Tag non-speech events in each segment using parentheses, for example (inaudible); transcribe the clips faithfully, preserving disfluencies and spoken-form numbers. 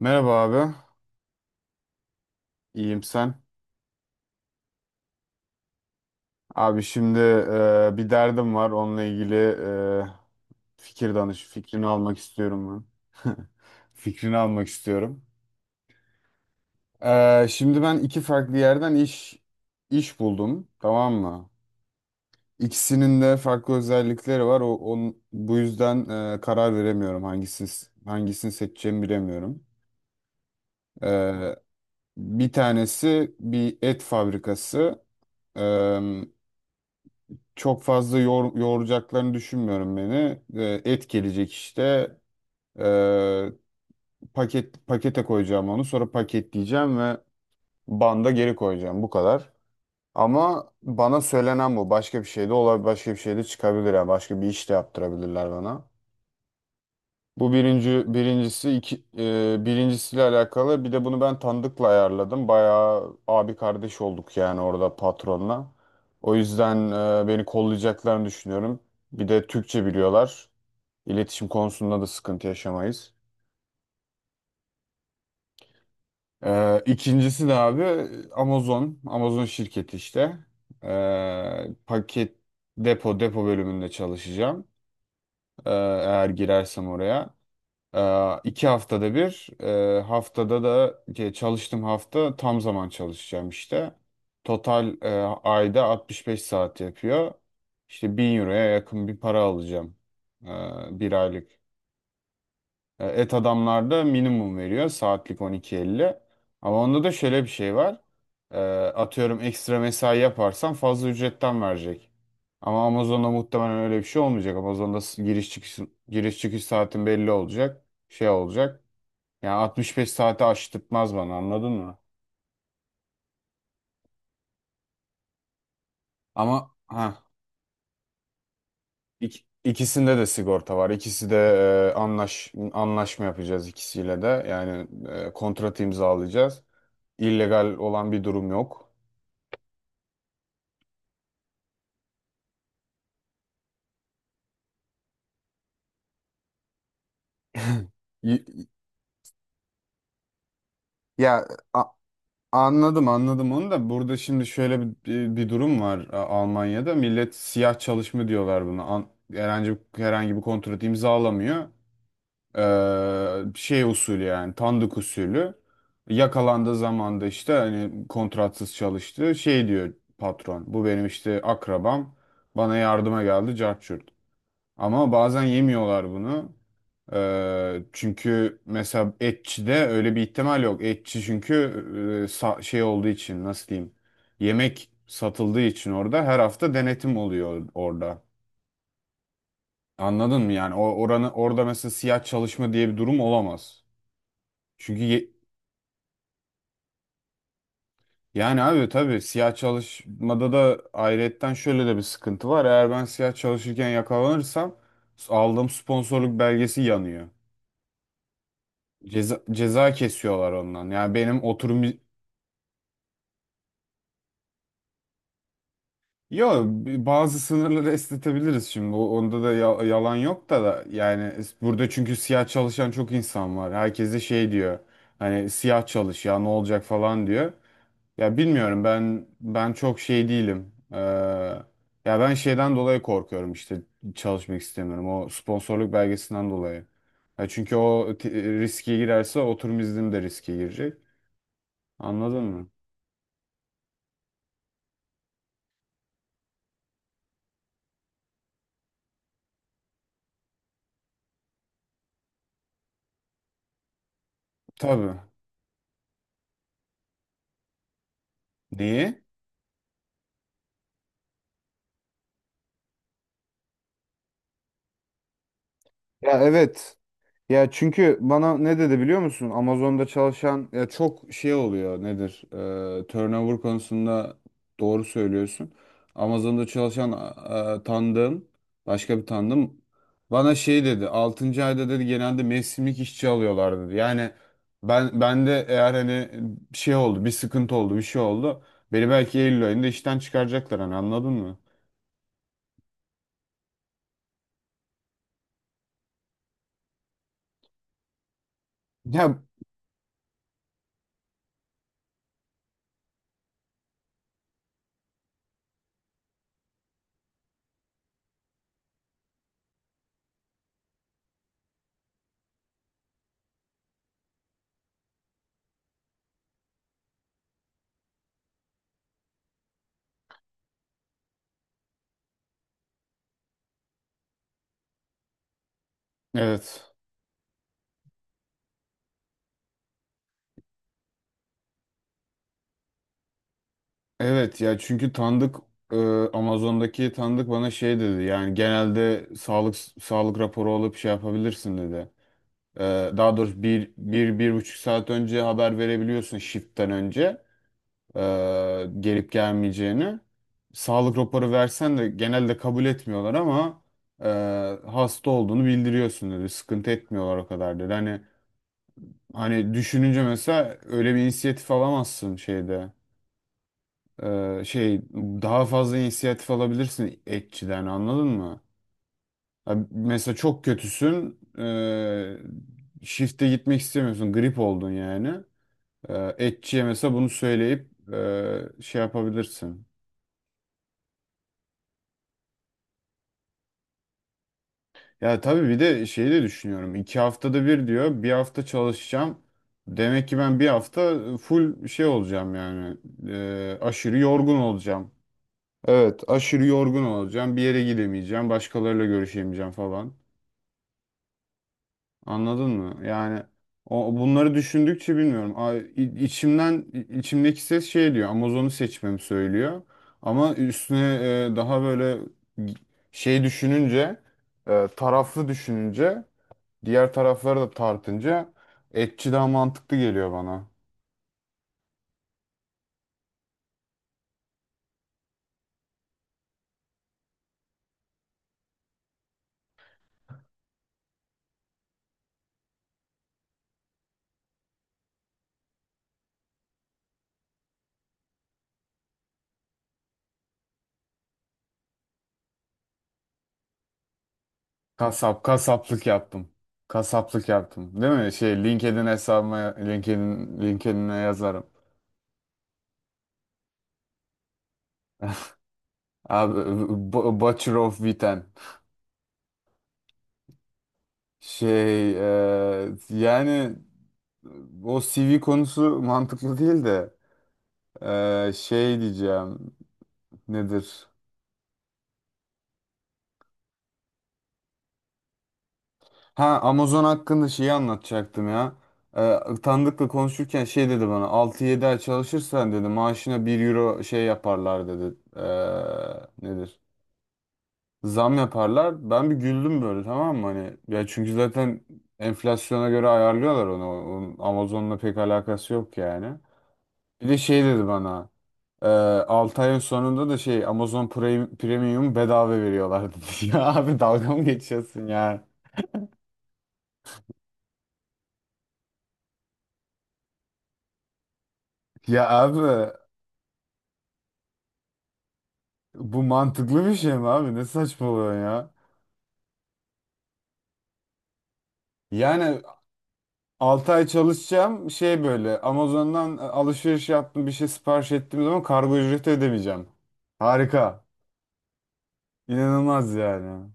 Merhaba abi. İyiyim, sen? Abi, şimdi e, bir derdim var. Onunla ilgili e, fikir danış, fikrini almak istiyorum ben. (laughs) Fikrini almak istiyorum. E, şimdi ben iki farklı yerden iş iş buldum, tamam mı? İkisinin de farklı özellikleri var. O, on- bu yüzden e, karar veremiyorum, hangisini hangisini seçeceğimi bilemiyorum. E, Bir tanesi bir et fabrikası. çok fazla yor, yoğuracaklarını düşünmüyorum beni. Ee, et gelecek işte. Ee, paket Pakete koyacağım onu. Sonra paketleyeceğim ve banda geri koyacağım. Bu kadar. Ama bana söylenen bu. Başka bir şey de olabilir. Başka bir şey de çıkabilir. Yani başka bir iş de yaptırabilirler bana. Bu birinci birincisi, iki e, birincisiyle alakalı. Bir de bunu ben Tandık'la ayarladım. Bayağı abi kardeş olduk yani, orada patronla. O yüzden e, beni kollayacaklarını düşünüyorum. Bir de Türkçe biliyorlar. İletişim konusunda da sıkıntı yaşamayız. E, ikincisi de abi Amazon. Amazon şirketi işte. E, paket depo depo bölümünde çalışacağım. E, eğer girersem oraya. Ee, iki haftada bir, e, haftada da, e, çalıştığım hafta tam zaman çalışacağım işte. Total, e, ayda 65 saat yapıyor. İşte bin euroya yakın bir para alacağım, e, bir aylık. E, Et Adamlar da minimum veriyor, saatlik on iki elli. Ama onda da şöyle bir şey var. E, Atıyorum, ekstra mesai yaparsan fazla ücretten verecek. Ama Amazon'da muhtemelen öyle bir şey olmayacak. Amazon'da s- giriş çıkış giriş çıkış saatin belli olacak. Şey olacak. Yani altmış beş saati aştırtmaz bana, anladın mı? Ama ha ik- ikisinde de sigorta var. İkisi de, e, anlaş anlaşma yapacağız ikisiyle de. Yani e, kontrat imzalayacağız. İllegal olan bir durum yok. Y- Ya, a- anladım, anladım, onu da. Burada şimdi şöyle bir, bir, bir durum var A- Almanya'da. Millet siyah çalışma diyorlar buna. An- herhangi herhangi bir kontrat imzalamıyor. Ee, şey usulü, yani tandık usulü, yakalandığı zaman da işte hani kontratsız çalıştı, şey diyor patron, bu benim işte akrabam, bana yardıma geldi, cart curt. Ama bazen yemiyorlar bunu. Ee, çünkü mesela etçide öyle bir ihtimal yok, etçi çünkü e, sa- şey olduğu için, nasıl diyeyim, yemek satıldığı için orada her hafta denetim oluyor orada, anladın mı? Yani o oranı orada, mesela, siyah çalışma diye bir durum olamaz. Çünkü ye- yani abi, tabii, siyah çalışmada da ayrıyetten şöyle de bir sıkıntı var. Eğer ben siyah çalışırken yakalanırsam, aldığım sponsorluk belgesi yanıyor. Ceza, ceza kesiyorlar ondan. Yani benim oturum... Yo, bazı sınırları esnetebiliriz şimdi. O- Onda da ya- yalan yok da, da yani, es- burada çünkü siyah çalışan çok insan var. Herkes de şey diyor. Hani siyah çalış ya, ne olacak falan diyor. Ya bilmiyorum, ben ben çok şey değilim. Ee, ya ben şeyden dolayı korkuyorum işte, çalışmak istemiyorum. O sponsorluk belgesinden dolayı. Ya çünkü o t- riske girerse, oturum iznim de riske girecek. Anladın mı? Tabii. Neyi? Ya, evet. Ya çünkü bana ne dedi, biliyor musun? Amazon'da çalışan ya, çok şey oluyor, nedir? Ee, turnover konusunda doğru söylüyorsun. Amazon'da çalışan, e, tanıdığım başka bir tanıdığım bana şey dedi. Altıncı ayda, dedi, genelde mevsimlik işçi alıyorlar, dedi. Yani ben ben de eğer hani bir şey oldu, bir sıkıntı oldu, bir şey oldu... Beni belki Eylül ayında işten çıkaracaklar, hani, anladın mı? Ya, evet. Evet ya, çünkü tanıdık e, Amazon'daki tanıdık bana şey dedi yani, genelde sağlık sağlık raporu alıp şey yapabilirsin, dedi. E, Daha doğrusu bir, bir, bir buçuk saat önce haber verebiliyorsun shift'ten önce e, gelip gelmeyeceğini. Sağlık raporu versen de genelde kabul etmiyorlar ama e, hasta olduğunu bildiriyorsun, dedi. Sıkıntı etmiyorlar o kadar, dedi. Hani hani düşününce mesela öyle bir inisiyatif alamazsın şeyde. Ee, şey, daha fazla inisiyatif alabilirsin etçiden, anladın mı? Ha, Mesela çok kötüsün, ee, shift'e gitmek istemiyorsun, grip oldun yani. Ee, etçiye mesela bunu söyleyip ee, şey yapabilirsin. Ya tabii, bir de şeyi de düşünüyorum. İki haftada bir diyor, bir hafta çalışacağım. Demek ki ben bir hafta full şey olacağım yani. Ee, aşırı yorgun olacağım. Evet, aşırı yorgun olacağım, bir yere gidemeyeceğim, başkalarıyla görüşemeyeceğim falan. Anladın mı? Yani o bunları düşündükçe bilmiyorum. A- i- içimden i- içimdeki ses şey diyor, Amazon'u seçmemi söylüyor. Ama üstüne e, daha böyle şey düşününce, e, taraflı düşününce, diğer tarafları da tartınca, etçi daha mantıklı geliyor bana. Kasap, kasaplık yaptım. Kasaplık yaptım, değil mi? Şey, LinkedIn hesabıma LinkedIn LinkedIn'e yazarım. Abi, b- butcher of Witten. Şey eee, yani o C V konusu mantıklı değil de, eee, şey diyeceğim, nedir? Ha, Amazon hakkında şeyi anlatacaktım ya. Eee Tanıdıkla konuşurken şey dedi bana: altı yedi ay çalışırsan, dedi, maaşına bir euro şey yaparlar, dedi. Eee, nedir? Zam yaparlar. Ben bir güldüm böyle, tamam mı? Hani ya, çünkü zaten enflasyona göre ayarlıyorlar onu. Onun Amazon'la pek alakası yok yani. Bir de şey dedi bana. Ee, altı ayın sonunda da şey, Amazon Prime, Premium bedava veriyorlardı. (laughs) Ya abi, dalga mı geçiyorsun ya? Ya abi, bu mantıklı bir şey mi abi? Ne saçmalıyorsun ya? Yani altı ay çalışacağım, şey, böyle Amazon'dan alışveriş yaptım, bir şey sipariş ettiğim zaman kargo ücreti ödemeyeceğim. Harika. İnanılmaz yani.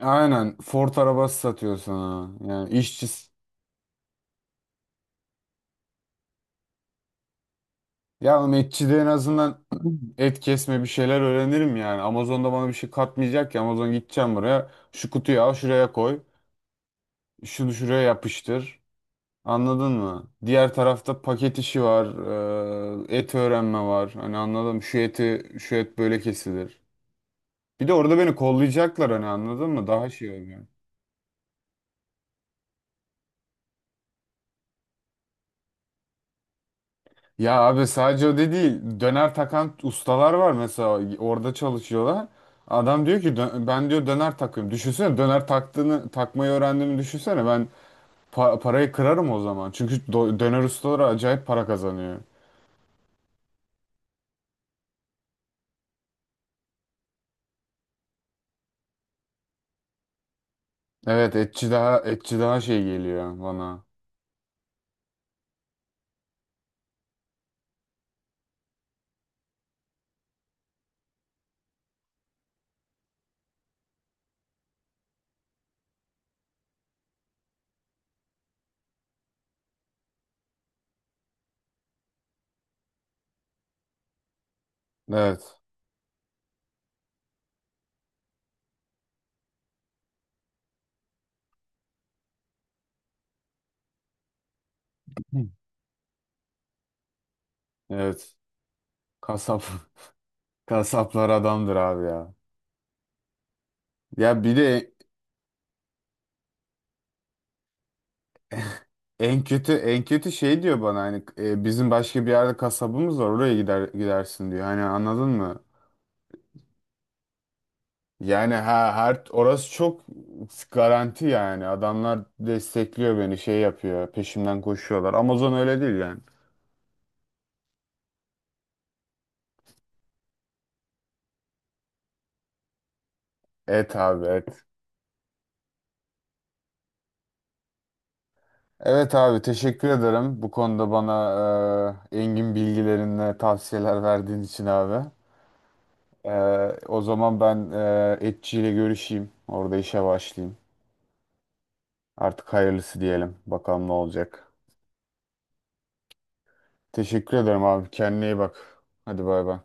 Aynen, Ford arabası satıyor sana. Yani işçi. Ya oğlum, işçi de en azından et kesme, bir şeyler öğrenirim yani. Amazon'da bana bir şey katmayacak ki. Amazon, gideceğim buraya, şu kutuyu al şuraya koy, şunu şuraya yapıştır. Anladın mı? Diğer tarafta paket işi var. Eee, et öğrenme var. Hani anladım, şu eti şu et böyle kesilir. Bir de orada beni kollayacaklar, hani, anladın mı? Daha şey oluyor. Ya abi, sadece o da değil. Döner takan ustalar var mesela, orada çalışıyorlar. Adam diyor ki: "Dö- ben, diyor, döner takıyorum. Düşünsene döner taktığını takmayı öğrendiğimi, düşünsene. Ben Pa- parayı kırarım o zaman. Çünkü do- döner ustaları acayip para kazanıyor." Evet, etçi daha etçi daha şey geliyor bana. Evet. Hı. Evet. Kasap, (laughs) kasaplar adamdır abi ya. Ya bir de en kötü en kötü şey diyor bana, hani, e, bizim başka bir yerde kasabımız var, oraya gider gidersin diyor. Hani, anladın mı? Yani, ha her, orası çok garanti yani. Adamlar destekliyor beni, şey yapıyor, peşimden koşuyorlar. Amazon öyle değil yani. Et abi, et. Evet abi, teşekkür ederim. Bu konuda bana e, engin bilgilerinle tavsiyeler verdiğin için abi. E, O zaman ben e, etçiyle görüşeyim. Orada işe başlayayım. Artık hayırlısı diyelim. Bakalım ne olacak. Teşekkür ederim abi. Kendine iyi bak. Hadi, bay bay.